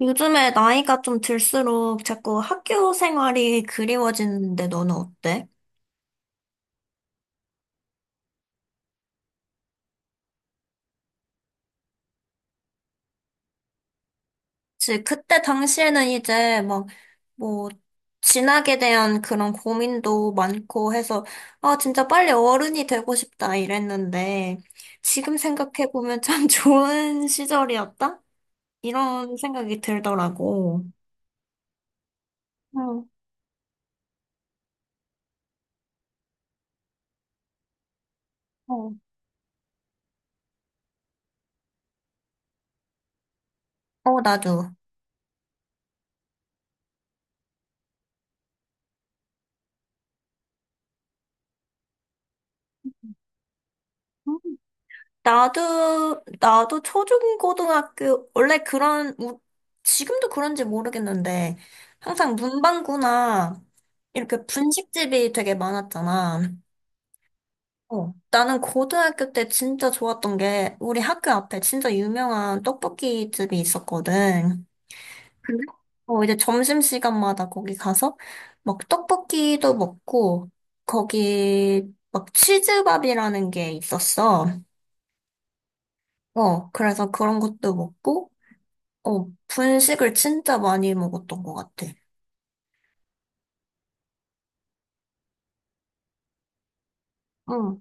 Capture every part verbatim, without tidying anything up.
요즘에 나이가 좀 들수록 자꾸 학교 생활이 그리워지는데 너는 어때? 그 그때 당시에는 이제 막 뭐 진학에 대한 그런 고민도 많고 해서 아 진짜 빨리 어른이 되고 싶다 이랬는데 지금 생각해 보면 참 좋은 시절이었다? 이런 생각이 들더라고. 응, 어, 어, 나도, 나도, 나도 초중고등학교, 원래 그런, 우- 지금도 그런지 모르겠는데, 항상 문방구나, 이렇게 분식집이 되게 많았잖아. 어, 나는 고등학교 때 진짜 좋았던 게, 우리 학교 앞에 진짜 유명한 떡볶이 집이 있었거든. 근데? 어, 이제 점심시간마다 거기 가서, 막 떡볶이도 먹고, 거기, 막 치즈밥이라는 게 있었어. 어, 그래서 그런 것도 먹고, 어, 분식을 진짜 많이 먹었던 것 같아. 응.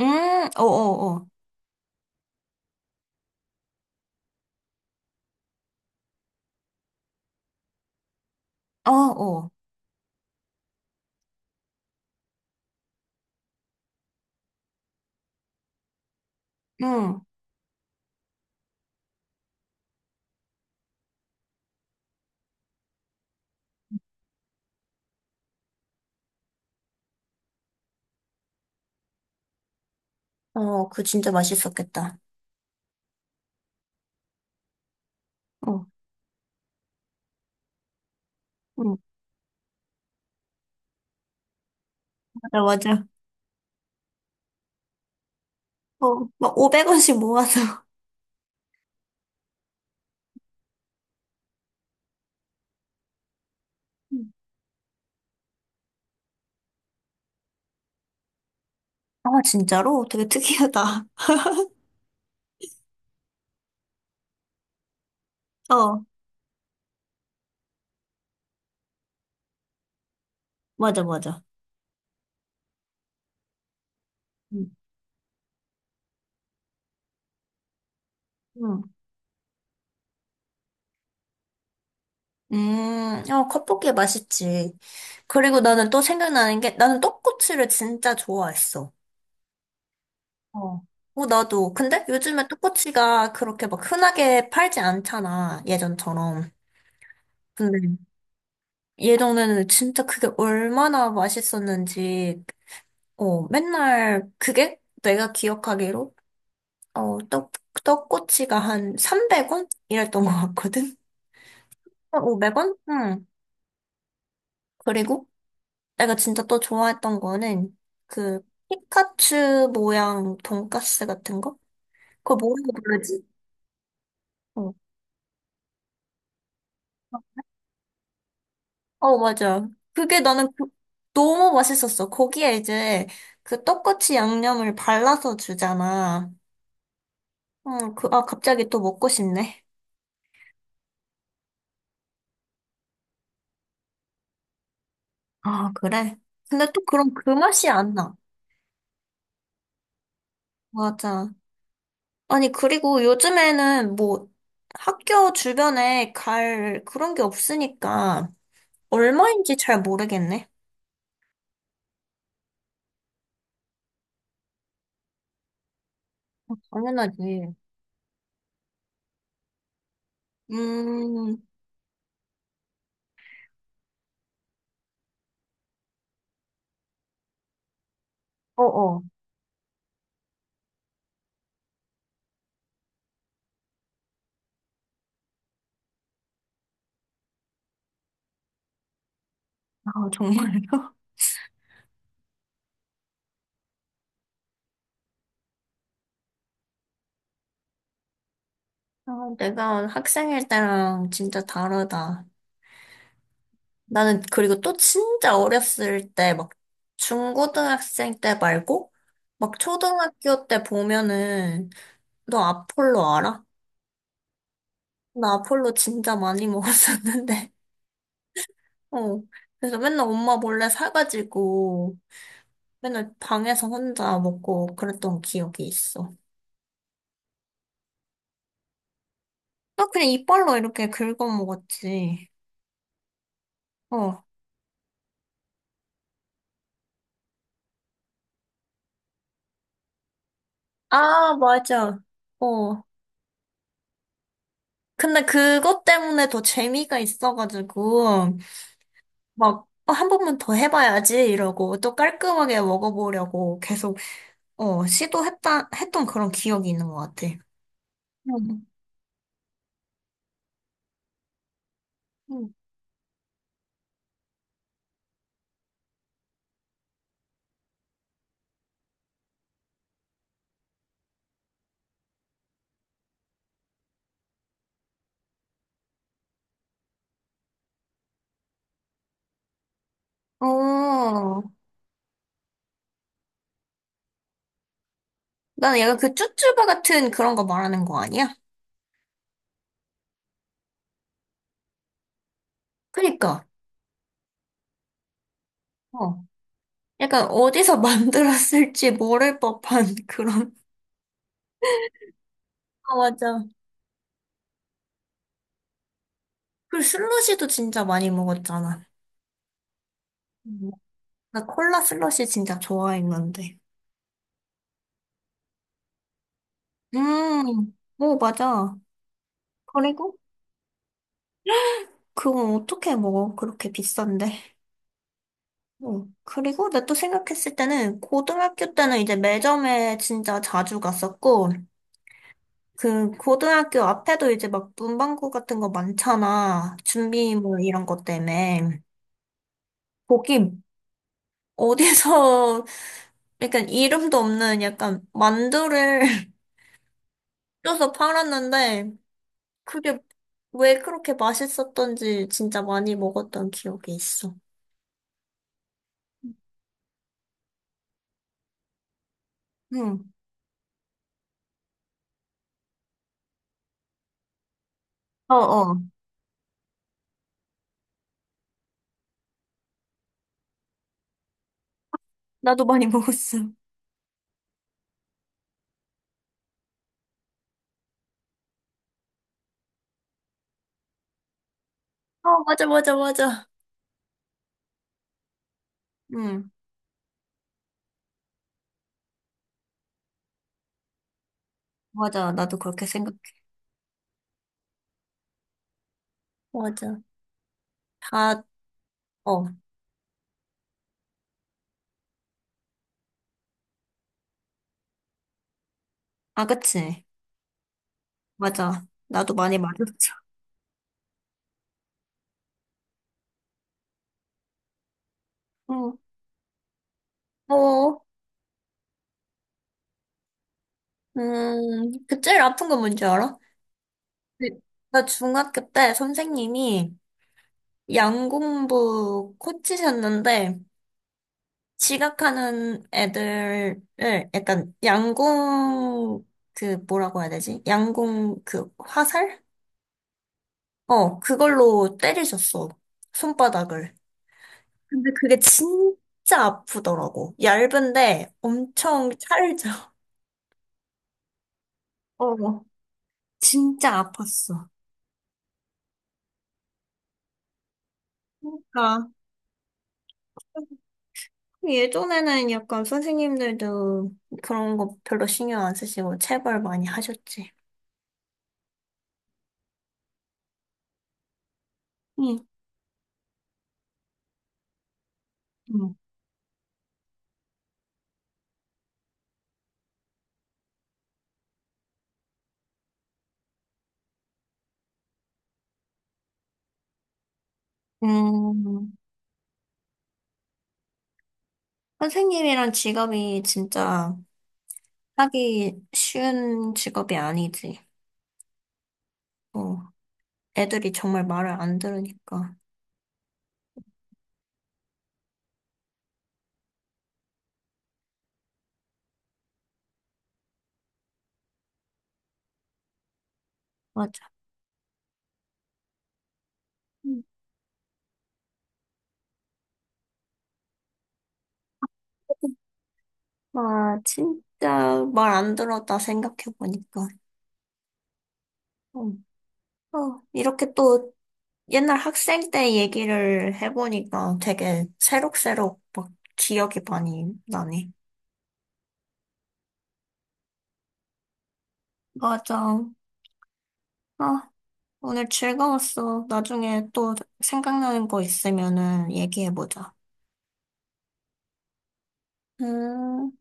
음, 어, 어, 어. 어, 어. 응. 어, 그거 진짜 맛있었겠다. 어, 응. 맞아, 맞아. 어, 막 오백 원씩 모아서. 음. 아, 진짜로? 되게 특이하다. 어, 맞아, 맞아. 응. 응. 음, 어, 컵볶이 맛있지. 그리고 나는 또 생각나는 게, 나는 떡꼬치를 진짜 좋아했어. 어. 어, 나도. 근데 요즘에 떡꼬치가 그렇게 막 흔하게 팔지 않잖아, 예전처럼. 근데 예전에는 진짜 그게 얼마나 맛있었는지, 어, 맨날 그게 내가 기억하기로, 어, 떡, 떡꼬치가 한 삼백 원? 이랬던 것 같거든? 한 오백 원? 응. 그리고 내가 진짜 또 좋아했던 거는 그 피카츄 모양 돈까스 같은 거? 그거 뭐라고 부르지? 어, 어, 맞아. 그게 나는 그- 너무 맛있었어. 거기에 이제 그 떡꼬치 양념을 발라서 주잖아. 어, 그, 아, 갑자기 또 먹고 싶네. 아, 그래. 근데 또 그럼 그 맛이 안 나. 맞아. 아니, 그리고 요즘에는 뭐 학교 주변에 갈 그런 게 없으니까 얼마인지 잘 모르겠네. 어, 당연하지. 음, 어어. 아, 정말요? 아, 내가 학생일 때랑 진짜 다르다. 나는 그리고 또 진짜 어렸을 때 막 중고등학생 때 말고 막 초등학교 때 보면은 너 아폴로 알아? 나 아폴로 진짜 많이 먹었었는데. 어. 그래서 맨날 엄마 몰래 사가지고 맨날 방에서 혼자 먹고 그랬던 기억이 있어. 나 그냥 이빨로 이렇게 긁어 먹었지. 어. 아, 맞아. 어. 근데 그것 때문에 더 재미가 있어가지고 막 어, 한 번만 더 해봐야지 이러고 또 깔끔하게 먹어보려고 계속 어, 시도했다 했던 그런 기억이 있는 것 같아. 응. 어, 나는 약간 그 쭈쭈바 같은 그런 거 말하는 거 아니야? 그니까, 어. 약간 어디서 만들었을지 모를 법한 그런. 아, 맞아. 그리고 슬러시도 진짜 많이 먹었잖아. 음, 나 콜라 슬러시 진짜 좋아했는데. 음, 오, 맞아. 그리고 그건 어떻게 먹어? 그렇게 비싼데. 어. 그리고 나 또 생각했을 때는 고등학교 때는 이제 매점에 진짜 자주 갔었고, 그 고등학교 앞에도 이제 막 문방구 같은 거 많잖아. 준비물 이런 것 때문에. 거기 어디서 약간 이름도 없는 약간 만두를 쪄서 팔았는데 그게 왜 그렇게 맛있었던지 진짜 많이 먹었던 기억이 있어. 응. 어, 어. 나도 많이 먹었어. 어, 맞아, 맞아, 맞아. 응. 맞아. 나도 그렇게 생각해. 맞아. 다, 어. 아, 그치. 맞아. 나도 많이 맞았어. 응. 어, 음, 그 제일 아픈 건 뭔지 알아? 네. 나 중학교 때 선생님이 양공부 코치셨는데, 지각하는 애들을, 약간, 양공, 그, 뭐라고 해야 되지? 양공, 그, 화살? 어, 그걸로 때리셨어. 손바닥을. 근데 그게 진짜 아프더라고. 얇은데 엄청 찰져. 어, 진짜 아팠어. 그러니까 예전에는 약간 선생님들도 그런 거 별로 신경 안 쓰시고 체벌 많이 하셨지. 응. 응. 음, 선생님이란 직업이 진짜 하기 쉬운 직업이 아니지. 어, 애들이 정말 말을 안 들으니까. 맞아. 응. 아, 진짜 말 안 들었다 생각해보니까. 어, 어, 이렇게 또 옛날 학생 때 얘기를 해보니까 되게 새록새록 막 기억이 많이 나네. 맞아. 아, 오늘 즐거웠어. 나중에 또 생각나는 거 있으면은 얘기해보자. 음.